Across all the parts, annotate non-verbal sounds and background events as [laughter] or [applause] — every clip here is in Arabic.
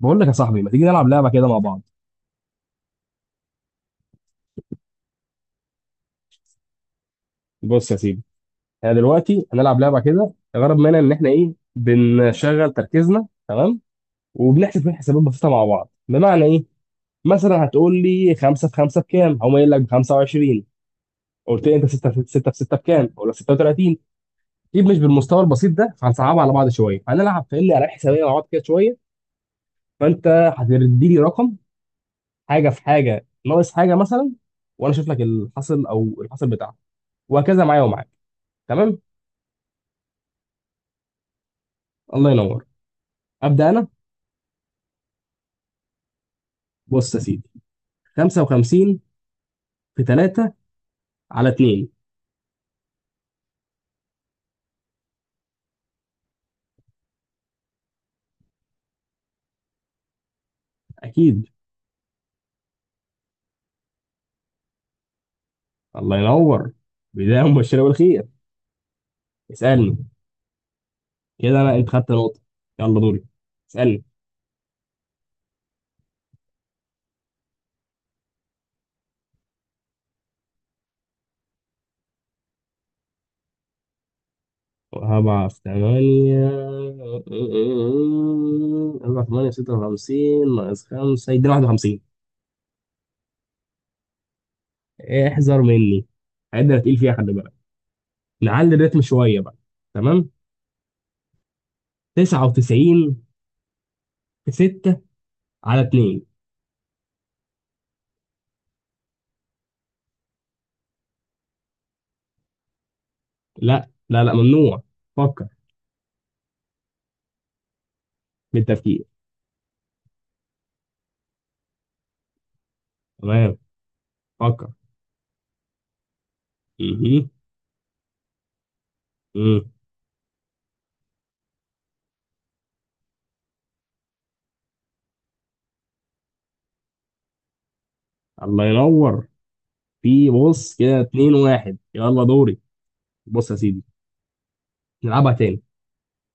بقول لك يا صاحبي، ما تيجي نلعب لعبه كده مع بعض؟ بص يا سيدي، احنا دلوقتي هنلعب لعبه كده الغرض منها ان احنا ايه بنشغل تركيزنا، تمام؟ وبنحسب فيه حسابات بسيطه مع بعض. بمعنى ايه؟ مثلا هتقول لي 5 في 5 بكام، هقوم قايل لك ب 25. قلت لي انت 6 في 6 في 6 بكام، اقول لك 36. دي مش بالمستوى البسيط ده فهنصعبها على بعض شويه، هنلعب فاهمني على حسابيه مع بعض كده شويه. فانت هتديني رقم، حاجه في حاجه ناقص حاجه مثلا، وانا اشوف لك الحاصل او الحاصل بتاعها، وهكذا معايا ومعاك. تمام؟ الله ينور. ابدا انا. بص يا سيدي، 55 في 3 على 2. اكيد. الله ينور، بدايه مبشره بالخير. اسالني. كده انا انت خدت نقطه، يلا دوري، اسالني. أربعة في تمانية. أربعة في تمانية ستة وخمسين، ناقص خمسة يدينا واحد وخمسين. احذر مني، الحاجات دي أنا تقيل فيها، خلي بالك. نعلي الريتم شوية بقى. تمام. تسعة وتسعين في ستة على اتنين. لا لا لا، ممنوع، فكر. بالتفكير. تمام. فكر. ايه؟ ايه؟ الله ينور. في بص كده اتنين واحد، يلا دوري. بص يا سيدي، نلعبها تاني،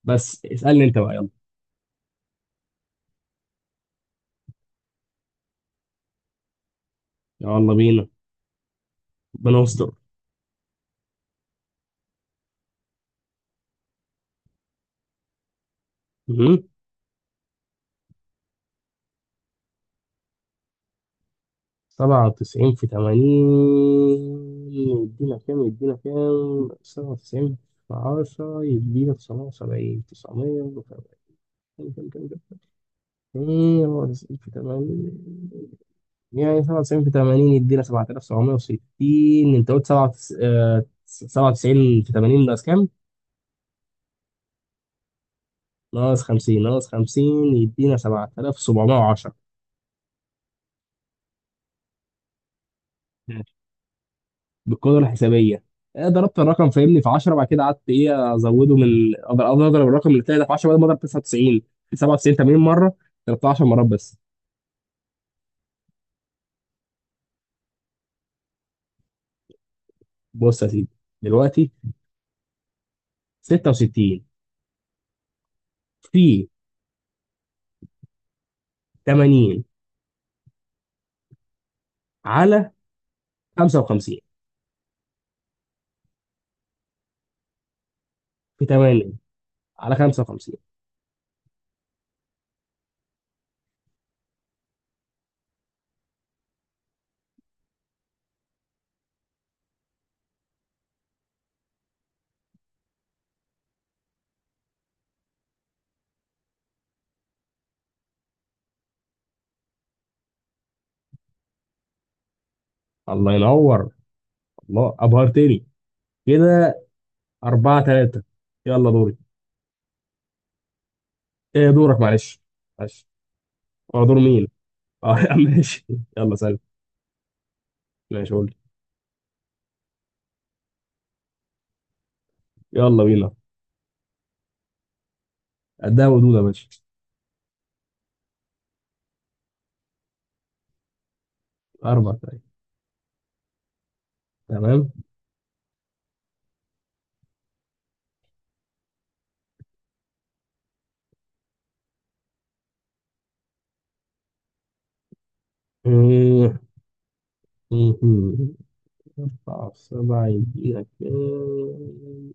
بس اسألني انت بقى، يلا. يلا بينا. بنصدر. مهم. سبعة وتسعين في تمانين يدينا كام؟ يدينا كام سبعة وتسعين في عشرة يدينا تسعمية وسبعين، تسعمية وسبعين. كام؟ كام؟ كام؟ كام سبعة وتسعين في تمانين؟ يعني 97 في 80 يدينا 7760. انت قلت 97 في 80 ناقص كام؟ ناقص 50. ناقص 50 يدينا 7710. ماشي، بالقدرة الحسابية. ضربت الرقم فاهمني في 10، بعد كده قعدت ايه ازوده من اقدر، أقدر اضرب الرقم اللي طلع ده في 10 بدل ما اضرب 99 في 97 80 مرة، ضربتها 10 مرات بس. بص يا سيدي، دلوقتي 66 في 80 على 55 في 80 على 55. الله ينور، الله ابهرتني كده. أربعة ثلاثة. يلا دوري. إيه؟ دورك معلش. معلش. هو دور مين؟ اه [laughs] يا عم ماشي، يلا سلام. ماشي قول لي. يلا بينا. قدها ودود يا باشا. أربع ثلاثة. تمام. مم. مم. أربعة في سبعة يدينا كام؟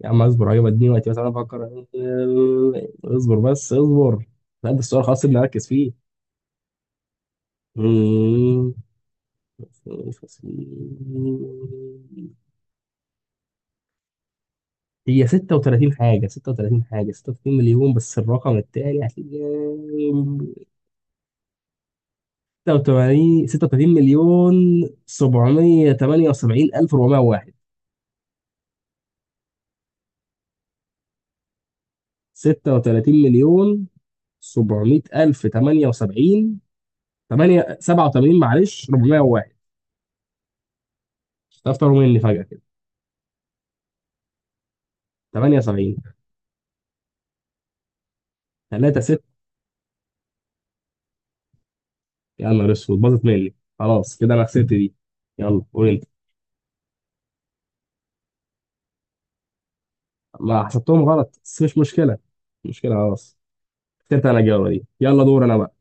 يا عم اصبر، هجيب، اديني وقتي بس انا بفكر. إيه، اصبر بس اصبر. لا ده السؤال خلاص اللي اركز فيه. مم. هي 36 حاجة، 36 حاجة، 36 مليون، بس الرقم التاني هتلاقيه. 86 36 مليون 778 ألف 401. 36 مليون 700 ألف 78 8 87 معلش 401. تفطر مني فجأة كده. 78 3 6. يا نهار اسود، باظت مني خلاص كده، أنا خسرت دي. يلا قول أنت. ما حسبتهم غلط، بس مش مشكلة. مش مشكلة خلاص. خسرت أنا الجولة دي، يلا دور أنا بقى.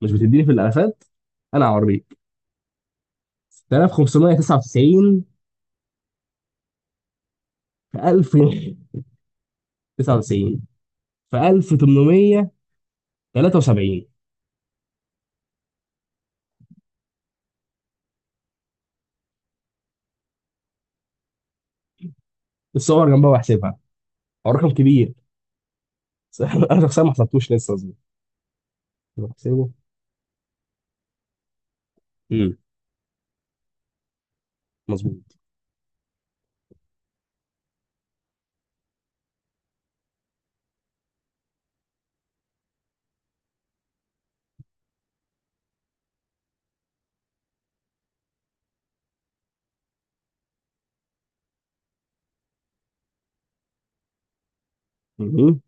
مش بتديني في الالفات؟ انا هوريك. 6599 في 1099 في 1873. الصور جنبها وهحسبها. هو رقم كبير بس [laughs] انا شخصيا ما حسبتوش لسه مظبوط. بحسبه. امم مظبوط. مهم.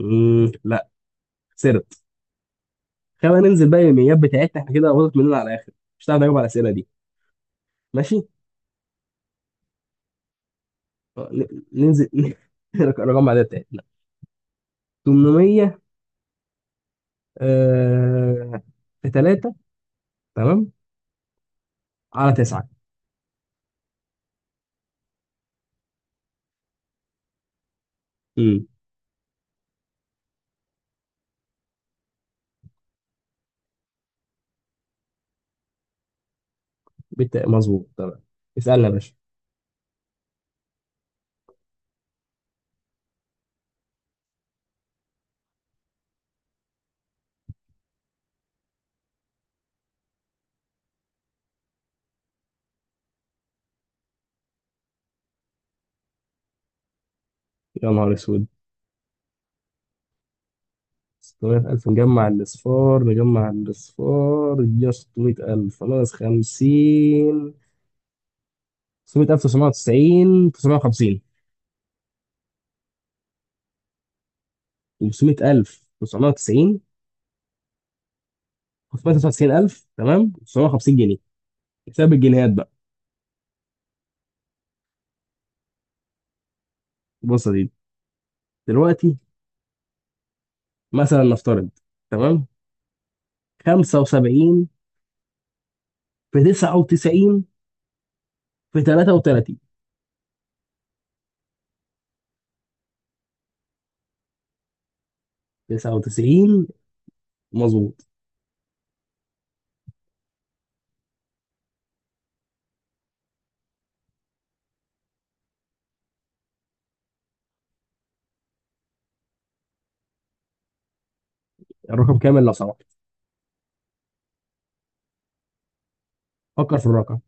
مم. لا، خسرت. خلينا ننزل بقى الايميلات بتاعتنا احنا كده، باظت مننا على الاخر، مش هتعرف نجاوب على الاسئله دي. ماشي. ننزل [laughs] الارقام العاديه بتاعتنا. 800 آه... في 3، تمام، على 9. مظبوط تمام. اسألنا يا باشا. يا نهار اسود. 600000، نجمع الأصفار، نجمع الأصفار يدينا 600000 ناقص 50. 600000 990 950. و600000 990. 599000 تمام 950 جنيه. حساب الجنيهات بقى. بص يا سيدي، دلوقتي مثلا نفترض، تمام، 75 في 99 في 33. 99 مظبوط. الرقم كامل لو سمحت، فكر في الرقم.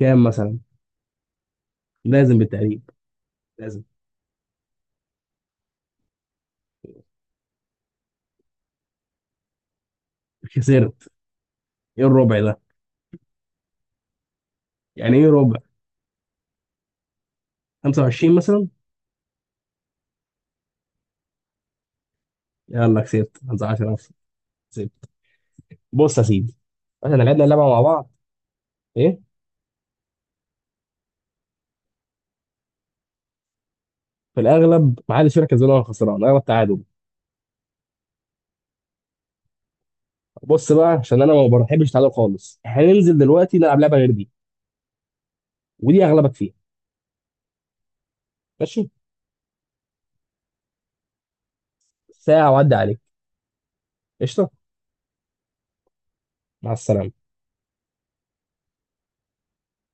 كام مثلا؟ لازم بالتقريب. لازم. خسرت. ايه الربع ده؟ يعني ايه ربع؟ 25 مثلا. يلا كسبت 15 نفسي. كسبت. بص يا سيدي، احنا لعبنا اللعبه مع بعض. ايه. في الاغلب ما حدش فينا كسبان ولا خسران، اغلب تعادل. بص بقى عشان انا ما بحبش التعادل خالص، هننزل دلوقتي نلعب لعبه غير دي، ودي اغلبك فيها. ماشي. ساعه وعدي عليك. قشطه. مع السلامه.